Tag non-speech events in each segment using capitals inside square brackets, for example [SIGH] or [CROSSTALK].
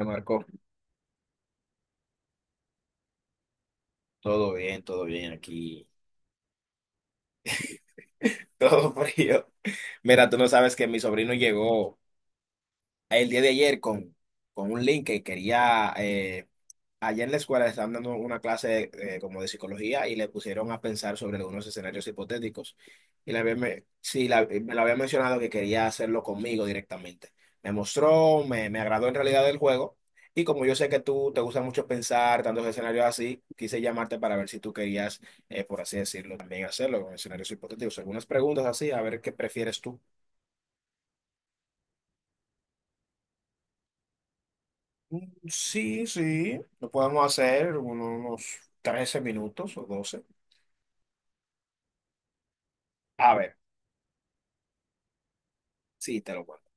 Le marcó. Todo bien aquí. [LAUGHS] Todo frío. Mira, tú no sabes que mi sobrino llegó el día de ayer con un link que quería, allá en la escuela le estaban dando una clase como de psicología y le pusieron a pensar sobre algunos escenarios hipotéticos. Y la había me, sí, me lo había mencionado que quería hacerlo conmigo directamente. Me mostró, me agradó en realidad el juego. Y como yo sé que tú te gusta mucho pensar tantos escenarios así, quise llamarte para ver si tú querías, por así decirlo, también hacerlo con escenarios hipotéticos. Algunas preguntas así, a ver qué prefieres tú. Sí, sí, lo podemos hacer unos 13 minutos o 12. A ver, sí, te lo cuento.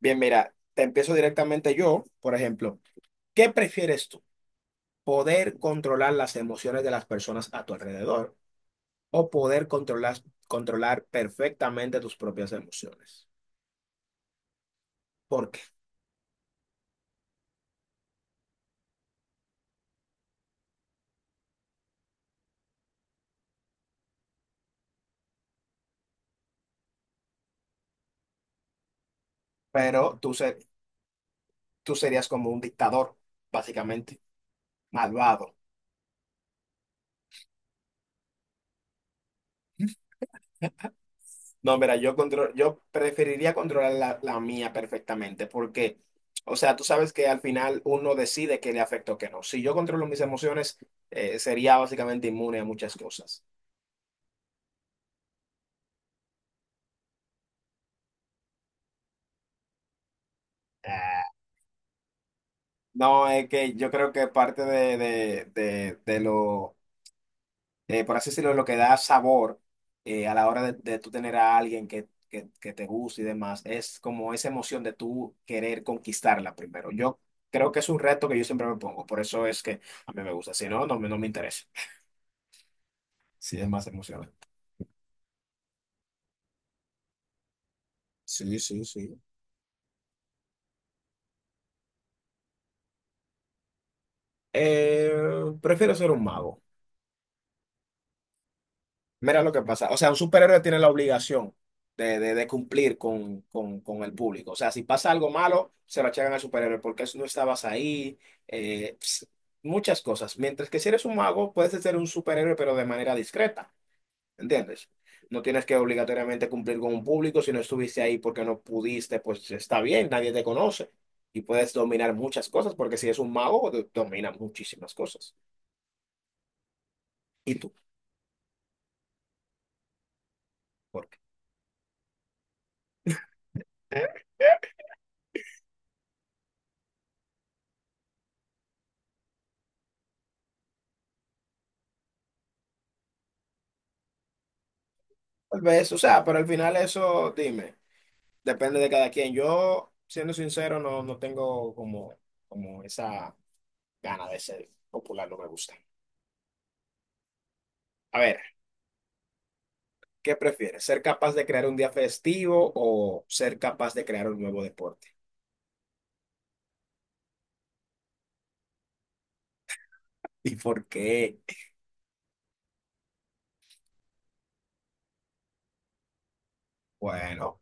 Bien, mira, te empiezo directamente yo, por ejemplo, ¿qué prefieres tú? ¿Poder controlar las emociones de las personas a tu alrededor o poder controlar, controlar perfectamente tus propias emociones? ¿Por qué? Pero tú, ser- Tú serías como un dictador, básicamente, malvado. No, mira, yo preferiría controlar la mía perfectamente, porque, o sea, tú sabes que al final uno decide qué le afecta o qué no. Si yo controlo mis emociones, sería básicamente inmune a muchas cosas. Ah, no, es que yo creo que parte de lo por así decirlo, lo que da sabor a la hora de tú tener a alguien que te guste y demás, es como esa emoción de tú querer conquistarla primero. Yo creo que es un reto que yo siempre me pongo, por eso es que a mí me gusta, si no, no, no me interesa. Sí, es más emocionante. Sí, sí, sí. Eh, prefiero ser un mago. Mira lo que pasa. O sea, un superhéroe tiene la obligación de cumplir con el público. O sea, si pasa algo malo, se lo achacan al superhéroe porque no estabas ahí. eh, ps, muchas cosas. Mientras que si eres un mago, puedes ser un superhéroe, pero de manera discreta. ¿Entiendes? No tienes que obligatoriamente cumplir con un público. Si no estuviste ahí porque no pudiste, pues está bien, nadie te conoce. Y puedes dominar muchas cosas porque si es un mago, domina muchísimas cosas. ¿Y tú? ¿Por qué? Eh, Tal vez, o sea, pero al final eso, dime. Depende de cada quien. Yo, siendo sincero, no, no tengo como, como esa gana de ser popular, no me gusta. A ver, ¿qué prefieres? ¿Ser capaz de crear un día festivo o ser capaz de crear un nuevo deporte? ¿Y por qué? Bueno,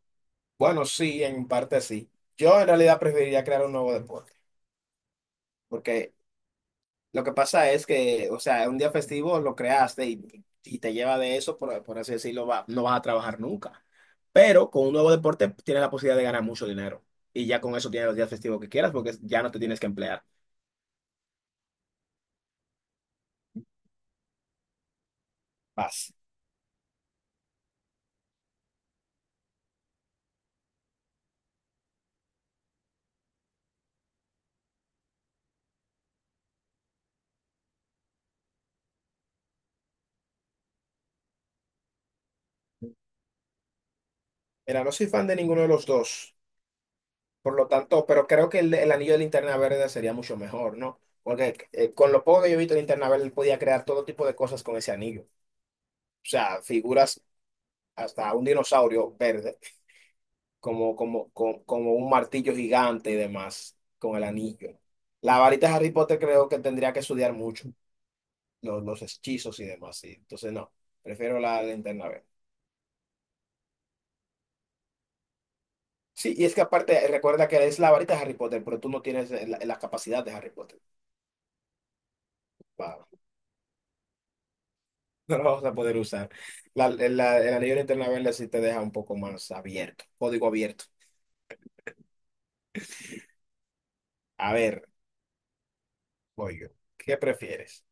bueno, sí, en parte sí. Yo en realidad preferiría crear un nuevo deporte, porque lo que pasa es que, o sea, un día festivo lo creaste y te lleva de eso, por así decirlo, no vas a trabajar nunca. Pero con un nuevo deporte tienes la posibilidad de ganar mucho dinero. Y ya con eso tienes los días festivos que quieras porque ya no te tienes que emplear. Paz. Mira, no soy fan de ninguno de los dos. Por lo tanto, pero creo que el anillo de linterna verde sería mucho mejor, ¿no? Porque con lo poco que yo he visto de linterna verde, él podía crear todo tipo de cosas con ese anillo. O sea, figuras, hasta un dinosaurio verde como un martillo gigante y demás, con el anillo. La varita de Harry Potter creo que tendría que estudiar mucho, los hechizos y demás, sí. Entonces no, prefiero la linterna verde. Sí, y es que aparte, recuerda que es la varita de Harry Potter, pero tú no tienes la capacidad de Harry Potter. Wow, [LAUGHS] no lo vas a poder usar. El anillo de linterna verde sí te deja un poco más abierto, código abierto. A ver, voy yo. ¿Qué prefieres?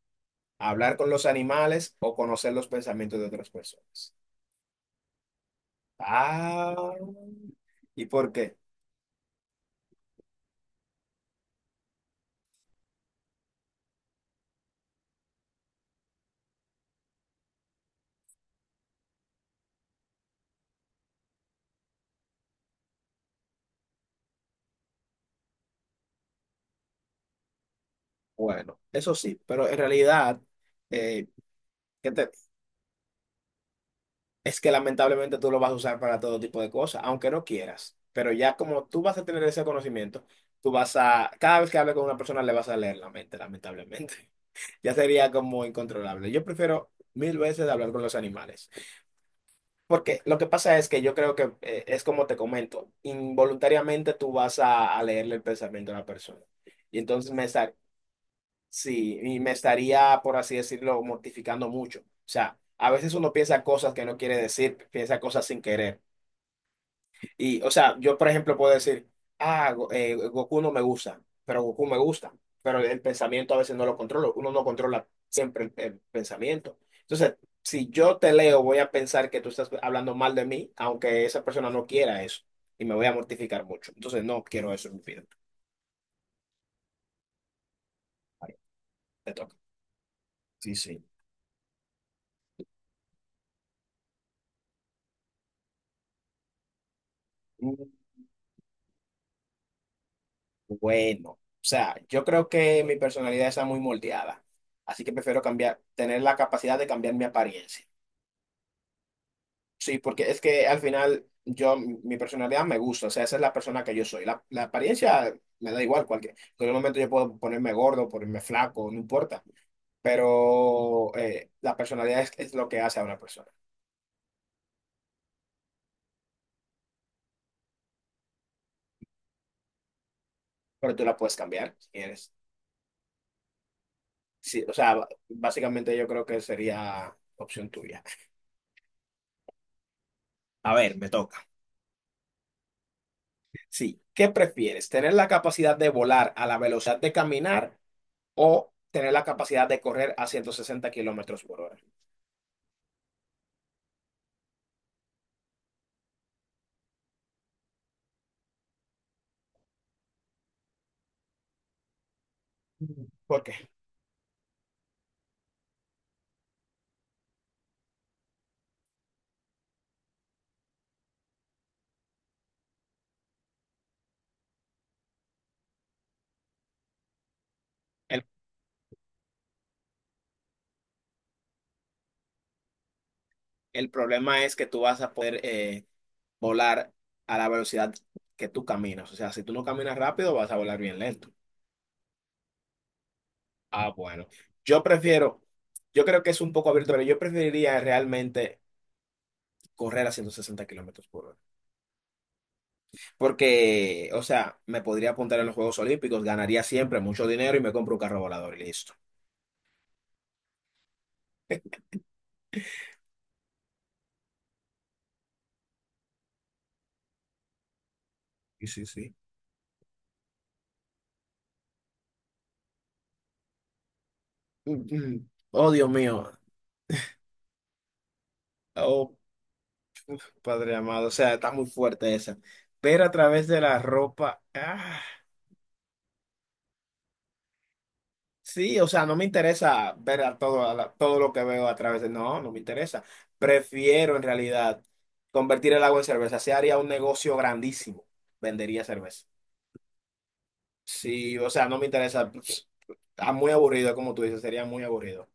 ¿Hablar con los animales o conocer los pensamientos de otras personas? Ah, ¿y por qué? Bueno, eso sí, pero en realidad eh, que te- es que lamentablemente tú lo vas a usar para todo tipo de cosas, aunque no quieras. Pero ya como tú vas a tener ese conocimiento, tú vas a, cada vez que hables con una persona le vas a leer la mente, lamentablemente. [LAUGHS] Ya sería como incontrolable. Yo prefiero mil veces hablar con los animales, porque lo que pasa es que yo creo que es como te comento, involuntariamente tú vas a leerle el pensamiento a la persona. Y entonces sí, y me estaría, por así decirlo, mortificando mucho. O sea, a veces uno piensa cosas que no quiere decir, piensa cosas sin querer. Y, o sea, yo, por ejemplo, puedo decir, ah, Goku no me gusta, pero Goku me gusta. Pero el pensamiento a veces no lo controlo, uno no controla siempre el pensamiento. Entonces, si yo te leo, voy a pensar que tú estás hablando mal de mí, aunque esa persona no quiera eso, y me voy a mortificar mucho. Entonces, no quiero eso en mi vida. Te toca. Sí, sí. Bueno, o sea, yo creo que mi personalidad está muy moldeada, así que prefiero cambiar, tener la capacidad de cambiar mi apariencia. Sí, porque es que al final yo, mi personalidad me gusta, o sea, esa es la persona que yo soy. La apariencia me da igual, cualquier, en cualquier momento yo puedo ponerme gordo, ponerme flaco, no importa, pero la personalidad es lo que hace a una persona, pero tú la puedes cambiar si quieres. Sí, o sea, básicamente yo creo que sería opción tuya. A ver, me toca. Sí, ¿qué prefieres? ¿Tener la capacidad de volar a la velocidad de caminar o tener la capacidad de correr a 160 kilómetros por hora? ¿Por qué? El, el problema es que tú vas a poder volar a la velocidad que tú caminas. O sea, si tú no caminas rápido, vas a volar bien lento. Ah, bueno. Yo prefiero, yo creo que es un poco abierto, pero yo preferiría realmente correr a 160 kilómetros por hora. Porque, o sea, me podría apuntar en los Juegos Olímpicos, ganaría siempre mucho dinero y me compro un carro volador y listo. Sí, sí, sí. Mm, mm. Oh, Dios mío. Oh, Padre amado. O sea, está muy fuerte esa. Ver a través de la ropa. Ah, sí, o sea, no me interesa ver a todo, todo lo que veo a través de. No, no me interesa. Prefiero en realidad convertir el agua en cerveza. Se haría un negocio grandísimo. Vendería cerveza. Sí, o sea, no me interesa. Está muy aburrido, como tú dices, sería muy aburrido.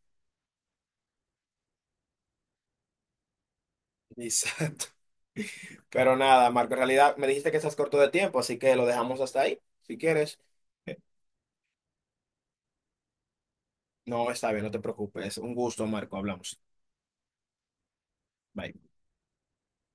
[LAUGHS] Exacto. Pero nada, Marco, en realidad me dijiste que estás corto de tiempo, así que lo dejamos hasta ahí, si quieres. No, está bien, no te preocupes. Un gusto, Marco. Hablamos. Bye.